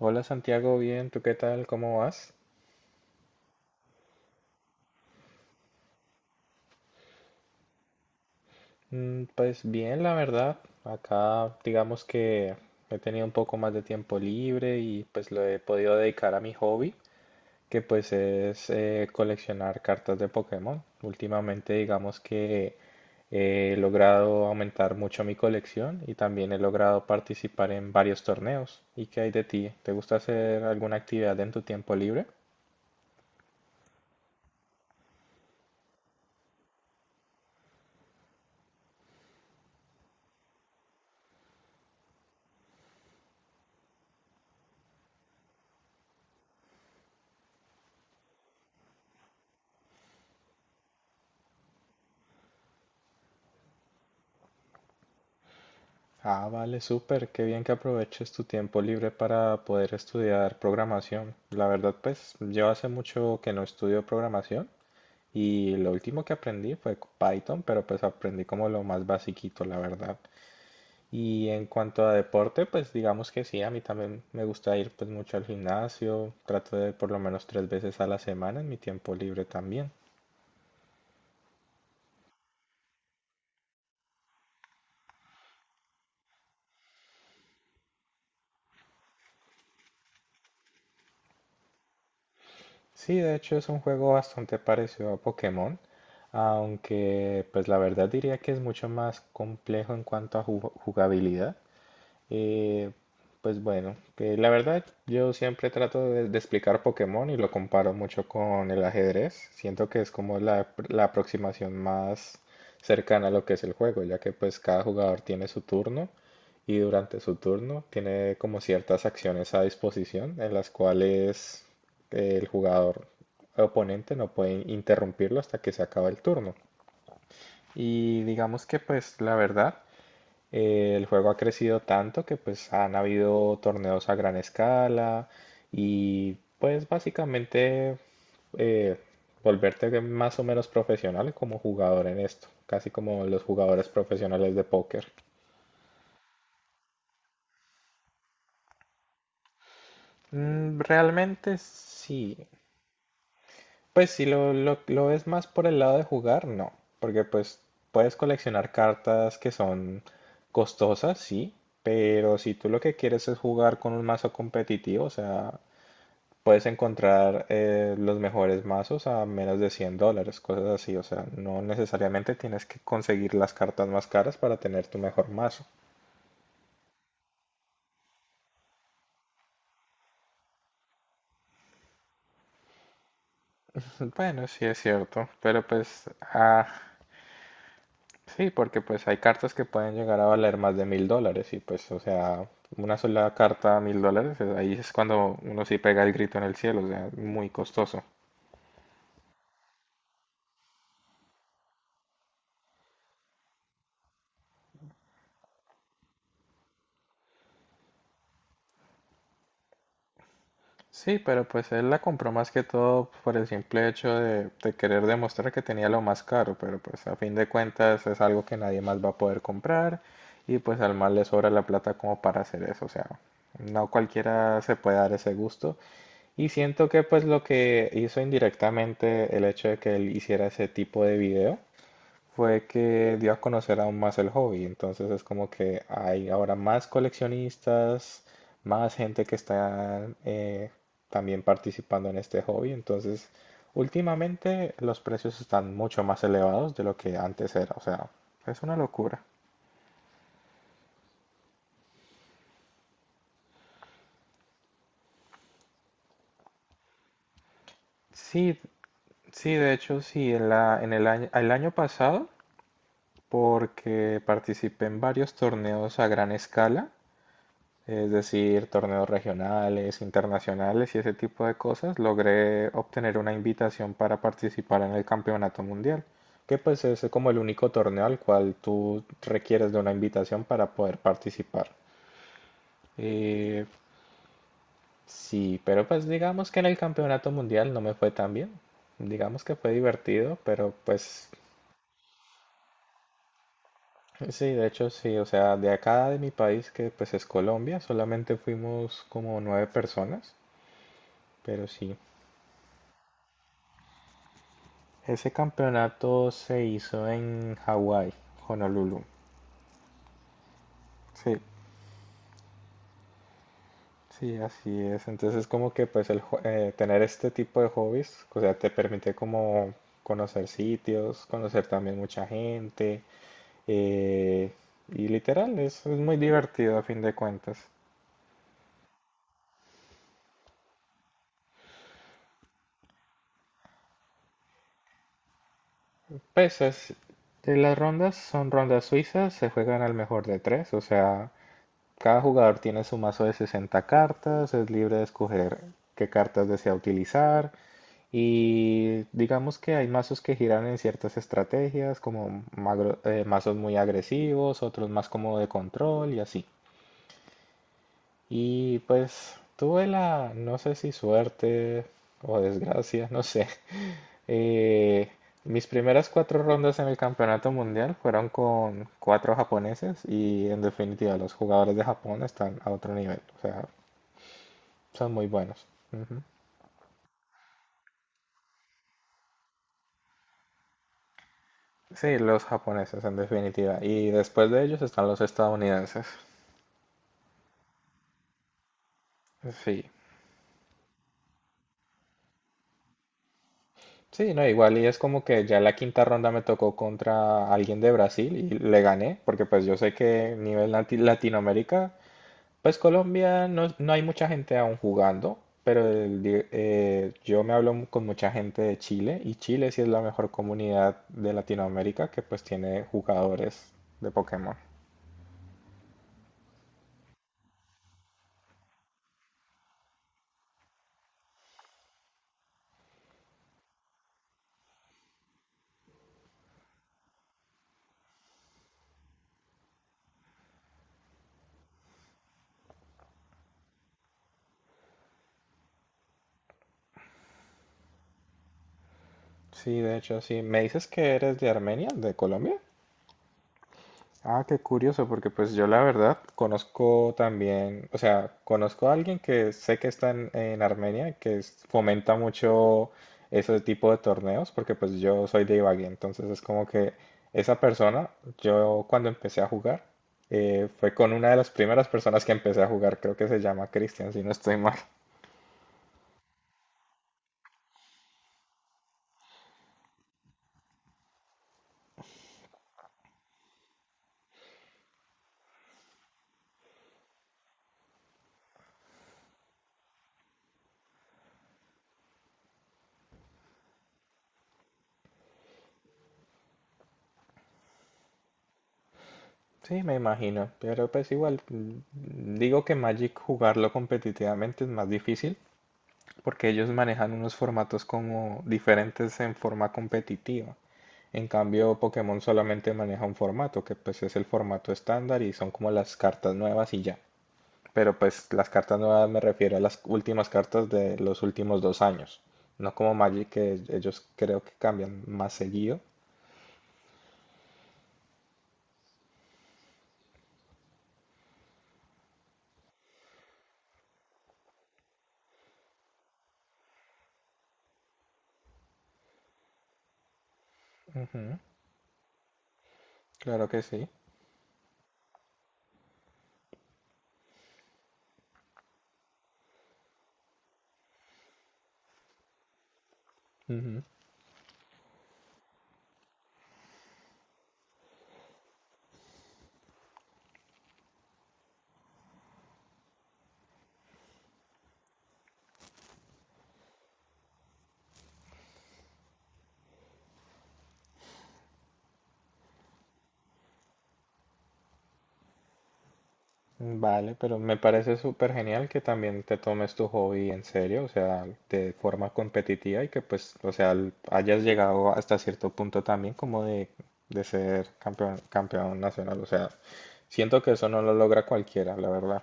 Hola Santiago, bien, ¿tú qué tal? ¿Cómo vas? Pues bien, la verdad. Acá digamos que he tenido un poco más de tiempo libre y pues lo he podido dedicar a mi hobby, que pues es coleccionar cartas de Pokémon. Últimamente digamos que he logrado aumentar mucho mi colección y también he logrado participar en varios torneos. ¿Y qué hay de ti? ¿Te gusta hacer alguna actividad en tu tiempo libre? Ah, vale, súper, qué bien que aproveches tu tiempo libre para poder estudiar programación. La verdad, pues yo hace mucho que no estudio programación y lo último que aprendí fue Python, pero pues aprendí como lo más basiquito, la verdad. Y en cuanto a deporte, pues digamos que sí, a mí también me gusta ir pues mucho al gimnasio, trato de por lo menos tres veces a la semana en mi tiempo libre también. Sí, de hecho es un juego bastante parecido a Pokémon, aunque pues la verdad diría que es mucho más complejo en cuanto a jugabilidad. Eh, pues bueno, que la verdad yo siempre trato de explicar Pokémon y lo comparo mucho con el ajedrez. Siento que es como la aproximación más cercana a lo que es el juego, ya que pues cada jugador tiene su turno y durante su turno tiene como ciertas acciones a disposición en las cuales el jugador oponente no puede interrumpirlo hasta que se acaba el turno. Y digamos que pues la verdad el juego ha crecido tanto que pues han habido torneos a gran escala y pues básicamente eh, volverte más o menos profesional como jugador en esto, casi como los jugadores profesionales de póker. Realmente sí. Pues si lo ves más por el lado de jugar, no, porque pues puedes coleccionar cartas que son costosas, sí, pero si tú lo que quieres es jugar con un mazo competitivo, o sea, puedes encontrar los mejores mazos a menos de $100, cosas así. O sea, no necesariamente tienes que conseguir las cartas más caras para tener tu mejor mazo. Bueno, sí es cierto, pero pues, ah, sí, porque pues hay cartas que pueden llegar a valer más de $1.000 y pues, o sea, una sola carta a $1.000, ahí es cuando uno sí pega el grito en el cielo, o sea, muy costoso. Sí, pero pues él la compró más que todo por el simple hecho de querer demostrar que tenía lo más caro, pero pues a fin de cuentas es algo que nadie más va a poder comprar y pues al mal le sobra la plata como para hacer eso, o sea, no cualquiera se puede dar ese gusto y siento que pues lo que hizo indirectamente el hecho de que él hiciera ese tipo de video fue que dio a conocer aún más el hobby. Entonces es como que hay ahora más coleccionistas, más gente que está también participando en este hobby. Entonces, últimamente los precios están mucho más elevados de lo que antes era. O sea, es una locura. Sí, sí, de hecho, sí, en la, en el año pasado, porque participé en varios torneos a gran escala. Es decir, torneos regionales, internacionales y ese tipo de cosas, logré obtener una invitación para participar en el Campeonato Mundial, que pues es como el único torneo al cual tú requieres de una invitación para poder participar. Eh, sí, pero pues digamos que en el Campeonato Mundial no me fue tan bien. Digamos que fue divertido, pero pues sí, de hecho sí, o sea, de acá de mi país, que pues es Colombia, solamente fuimos como nueve personas, pero sí. Ese campeonato se hizo en Hawái, Honolulu. Sí, sí, así es. Entonces como que pues tener este tipo de hobbies, o sea, te permite como conocer sitios, conocer también mucha gente. eh, y literal, es muy divertido a fin de cuentas. Pues las rondas son rondas suizas, se juegan al mejor de tres, o sea, cada jugador tiene su mazo de 60 cartas, es libre de escoger qué cartas desea utilizar y digamos que hay mazos que giran en ciertas estrategias, como mazos muy agresivos, otros más como de control y así. Y pues tuve la, no sé si suerte o desgracia, no sé. Eh, mis primeras cuatro rondas en el campeonato mundial fueron con cuatro japoneses y en definitiva los jugadores de Japón están a otro nivel, o sea, son muy buenos. Ujú. Sí, los japoneses en definitiva. Y después de ellos están los estadounidenses. Sí. Sí, no, igual y es como que ya la quinta ronda me tocó contra alguien de Brasil y le gané, porque pues yo sé que nivel Latinoamérica, pues Colombia no, no hay mucha gente aún jugando, pero yo me hablo con mucha gente de Chile y Chile sí es la mejor comunidad de Latinoamérica que pues tiene jugadores de Pokémon. Sí, de hecho, sí. ¿Me dices que eres de Armenia, de Colombia? Ah, qué curioso, porque pues yo la verdad conozco también, o sea, conozco a alguien que sé que está en Armenia, que fomenta mucho ese tipo de torneos, porque pues yo soy de Ibagué, entonces es como que esa persona, yo cuando empecé a jugar, fue con una de las primeras personas que empecé a jugar, creo que se llama Cristian, si no estoy mal. Sí, me imagino, pero pues igual, digo que Magic jugarlo competitivamente es más difícil. Porque ellos manejan unos formatos como diferentes en forma competitiva. En cambio, Pokémon solamente maneja un formato, que pues es el formato estándar y son como las cartas nuevas y ya. Pero pues las cartas nuevas me refiero a las últimas cartas de los últimos 2 años. No como Magic, que ellos creo que cambian más seguido. Ujú, claro que sí. Ujú. Vale, pero me parece súper genial que también te tomes tu hobby en serio, o sea, de forma competitiva y que pues, o sea, hayas llegado hasta cierto punto también como de ser campeón, campeón nacional, o sea, siento que eso no lo logra cualquiera, la verdad.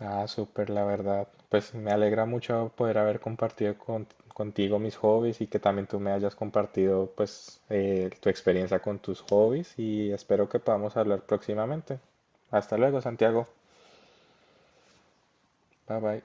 Ah, súper, la verdad. Pues me alegra mucho poder haber compartido contigo mis hobbies y que también tú me hayas compartido pues tu experiencia con tus hobbies y espero que podamos hablar próximamente. Hasta luego, Santiago. Bye bye.